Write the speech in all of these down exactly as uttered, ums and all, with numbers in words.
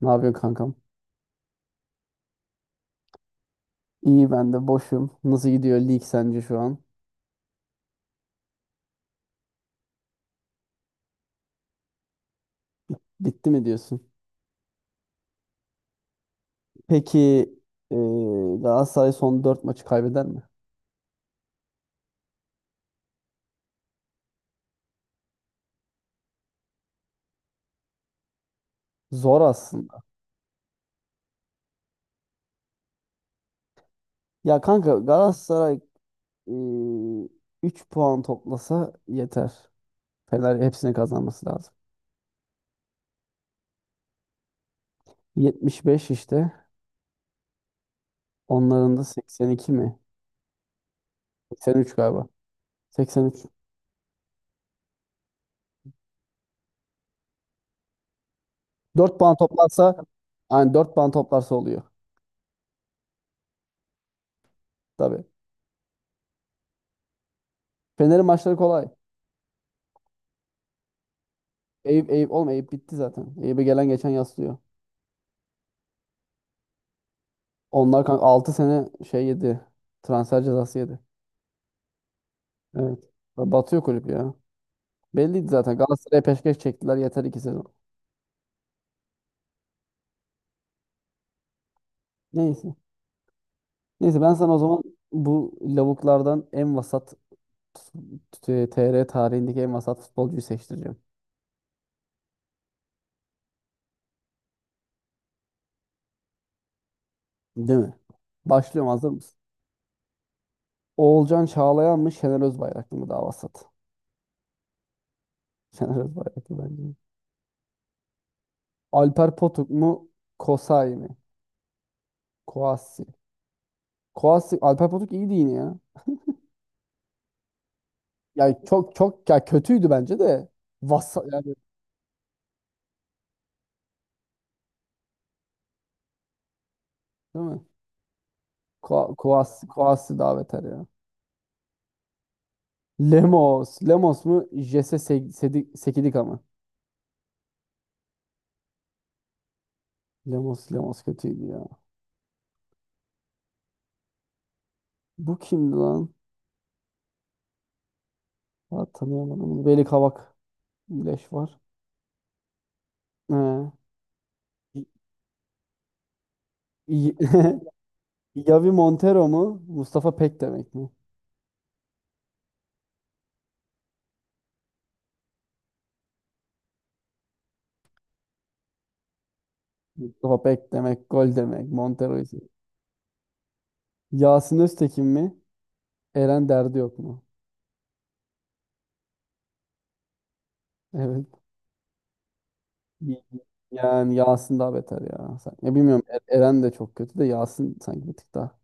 Ne yapıyorsun kankam? İyi, ben de boşum. Nasıl gidiyor lig sence şu an? Bitti mi diyorsun? Peki, e, Galatasaray son dört maçı kaybeder mi? Zor aslında. Ya kanka, Galatasaray e, üç puan toplasa yeter. Fener hepsini kazanması lazım. yetmiş beş işte. Onların da seksen iki mi? seksen üç galiba. seksen üç. dört puan toplarsa, yani dört puan toplarsa oluyor. Tabii. Fener'in maçları kolay. Eyüp, Eyüp, oğlum Eyüp bitti zaten. Eyüp'e gelen geçen yaslıyor. Onlar kanka altı sene şey yedi. Transfer cezası yedi. Evet. Batıyor kulüp ya. Belliydi zaten. Galatasaray'a peşkeş çektiler. Yeter iki sezon. Neyse. Neyse, ben sana o zaman bu lavuklardan en vasat t- TR tarihindeki en vasat futbolcuyu seçtireceğim. Değil mi? Başlıyorum. Hazır mısın? Oğulcan Çağlayan mı, Şener Özbayraklı mı daha vasat? Şener Özbayraklı bence. Alper Potuk mu? Kosay mı? Koasi. Koasi. Alper Potuk iyiydi yine ya. Yani çok çok ya, kötüydü bence de. Vasa yani, değil mi? Ko Koas Koasi daha beter ya. Lemos. Lemos mu? Jesse Se- Sedi- Sekidika mı? Lemos Lemos kötüydü ya. Bu kimdi lan? Ha, tanıyamadım bunu. Veli Kavak. Leş var. He. Y- Y- Yavi Montero mu? Mustafa Pek demek mi? Mustafa Pek demek. Gol demek. Montero ise. Yasin Öztekin mi? Eren Derdi yok mu? Evet. Yani Yasin daha beter ya. Sen- Ya bilmiyorum, Er- Eren de çok kötü de, Yasin sanki bir tık daha.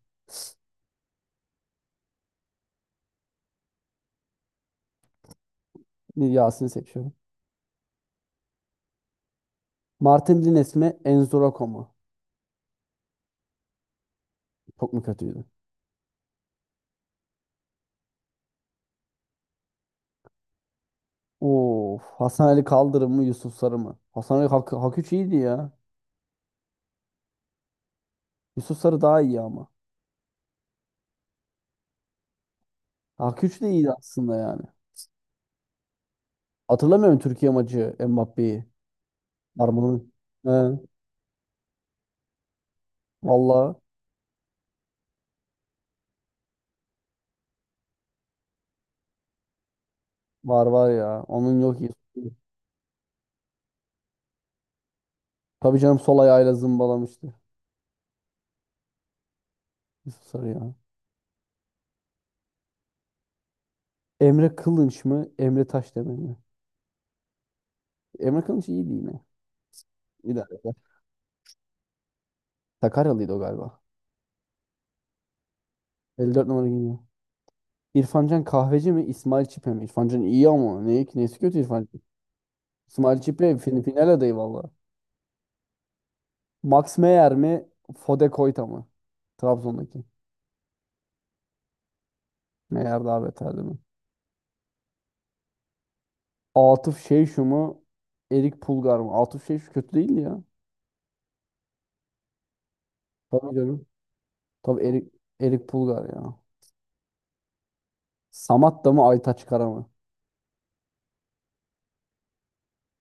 Bir Yasin'i seçiyorum. Martin Lines mi, Enzorako mu? Çok mu kötüydü? Of, Hasan Ali Kaldırım mı, Yusuf Sarı mı? Hasan Ali Hak, Hak üç iyiydi ya. Yusuf Sarı daha iyi ama. Hak üç de iyiydi aslında yani. Hatırlamıyorum Türkiye maçı Mbappe'yi. Var mı bunun? He. Valla, var var ya. Onun yok, iyi. Tabii canım, sol ayağıyla zımbalamıştı. Yusuf Sarı ya. Emre Kılınç mı? Emre Taşdemir mi? Emre Kılıç iyiydi yine. İdare eder. Sakaryalıydı o galiba. elli dört numara geliyor. İrfancan kahveci mi, İsmail Çipe mi? İrfancan iyi ama ne, nesi kötü İrfan? İsmail Çipe fin final adayı valla. Max Meyer mi, Fode Koyta mı? Trabzon'daki. Meyer daha beterdi mi? Atıf Şeyşu mu, Erik Pulgar mı? Atıf Şeyşu kötü değildi ya. Tabii canım. Tabii Erik, Erik Pulgar ya. Samatta mı, Aytaç Kara mı?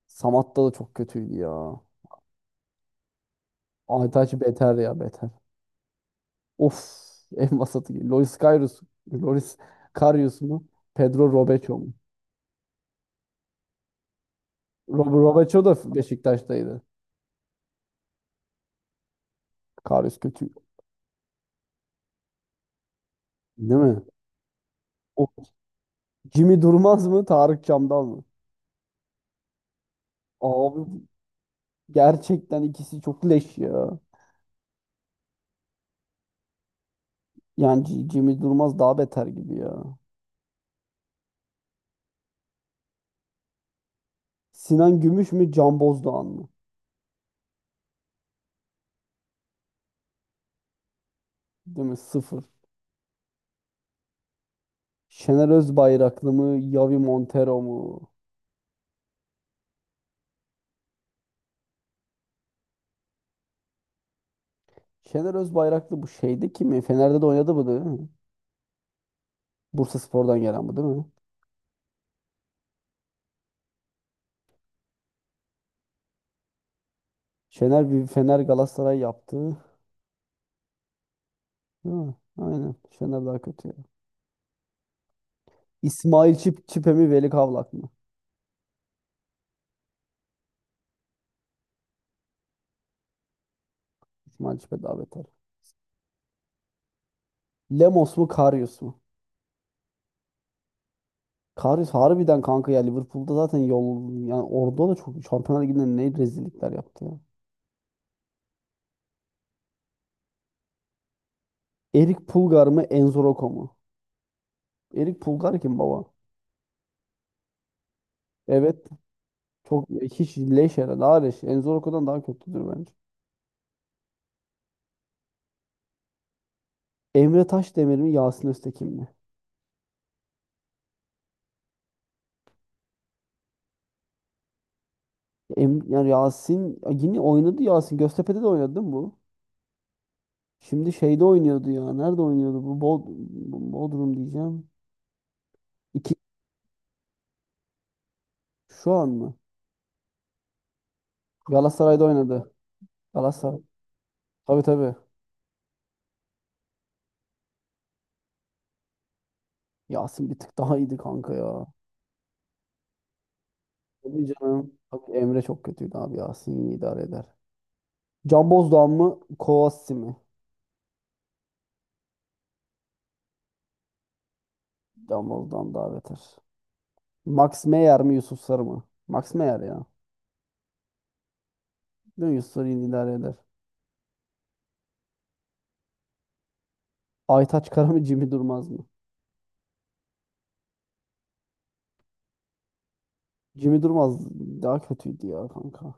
Samatta da çok kötüydü ya. Aytaç beter ya, beter. Of, en vasatı. Loris Karius, Loris Karius mu? Pedro Robeco mu? Rob Robeco da Beşiktaş'taydı. Karius kötü. Değil mi? O, Jimmy Durmaz mı? Tarık Çamdal mı? Abi, gerçekten ikisi çok leş ya. Yani C- Jimmy Durmaz daha beter gibi ya. Sinan Gümüş mü? Can Bozdoğan mı? Değil mi? Sıfır. Şener Özbayraklı mı? Yavi Montero mu? Şener Özbayraklı bu şeyde kim mi? Fener'de de oynadı bu değil mi? Bursaspor'dan gelen bu değil mi? Şener bir Fener Galatasaray yaptı. Ha, aynen. Şener daha kötü ya. İsmail Çip Çipe mi, Veli Kavlak mı? İsmail Çipe daha beter. Lemos mu, Karius mu? Karius harbiden kanka ya, Liverpool'da zaten yol yani, orada da çok Şampiyonlar Ligi'nde ne rezillikler yaptı ya. Erik Pulgar mı, Enzo Rocco mu? Erik Pulgar kim baba? Evet. Çok hiç leş herhalde. Daha leş. Enzo Rocco'dan daha kötüdür bence. Emre Taşdemir mi, Yasin Öztekin mi? Em, yani Yasin yine oynadı Yasin. Göztepe'de de oynadı değil mi bu? Şimdi şeyde oynuyordu ya. Nerede oynuyordu? Bu Bod Bodrum diyeceğim. İki şu an mı? Galatasaray'da oynadı. Galatasaray. Tabii tabii. Yasin bir tık daha iyiydi kanka ya. Tabii canım. Tabii Emre çok kötüydü abi. Yasin iyi idare eder. Can Bozdoğan mı? Kovasi mi? Can Bozdoğan daha beter. Max Meyer mi? Yusuf Sarı mı? Max Meyer ya. Değil mi? Yusuf Sarı iyi idare eder. Aytaç Kara mı? Jimmy Durmaz mı? Jimmy Durmaz daha kötüydü ya kanka.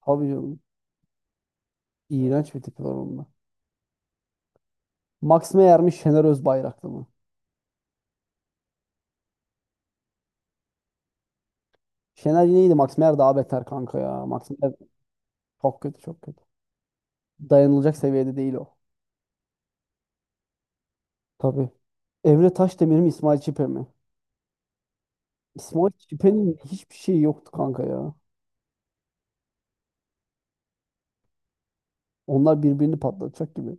Tabii canım. İğrenç bir tipi var onun da. Max Meyer mi, Şener Özbayraklı mı? Şener yine iyiydi. Max Meyer daha beter kanka ya. Max Meyer çok kötü, çok kötü. Dayanılacak seviyede değil o. Tabii. Emre Taşdemir mi, İsmail Çipe mi? İsmail Çipe'nin hiçbir şeyi yoktu kanka ya. Onlar birbirini patlatacak gibi.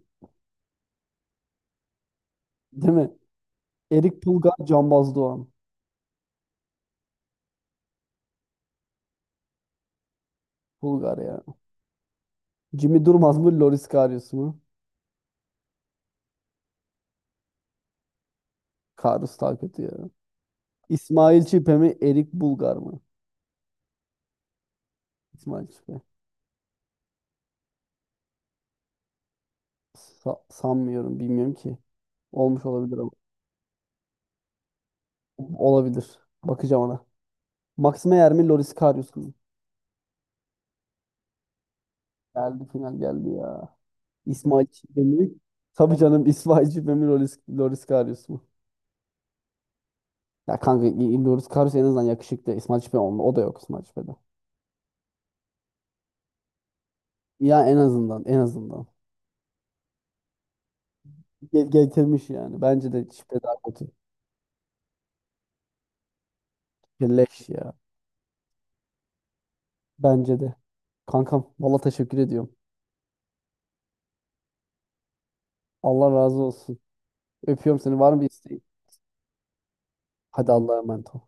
Değil mi? Erik Pulgar, Cambaz Doğan. Pulgar ya. Jimmy Durmaz mı, Loris Karius mu? Karius daha kötü ya. İsmail Çipe mi, Erik Bulgar mı? İsmail Çipe. Sa- sanmıyorum, bilmiyorum ki. Olmuş olabilir. Olabilir. Bakacağım ona. Max Meyer mi, Loris Karius mu? Geldi, final geldi ya. İsmail Çiğdem mi? Tabii canım, İsmail Çiğdem mi, Loris, Loris Karius mu? Ya kanka, i- i- Loris Karius en azından yakışıklı. İsmail Çiğdem olma. O da yok İsmail Çiğdem'de. Ya en azından, en azından. Ge- getirmiş yani. Bence de Çiğdem daha kötü. Leş ya. Bence de. Kankam, valla teşekkür ediyorum. Allah razı olsun. Öpüyorum seni. Var mı bir isteğin? Hadi, Allah'a emanet ol.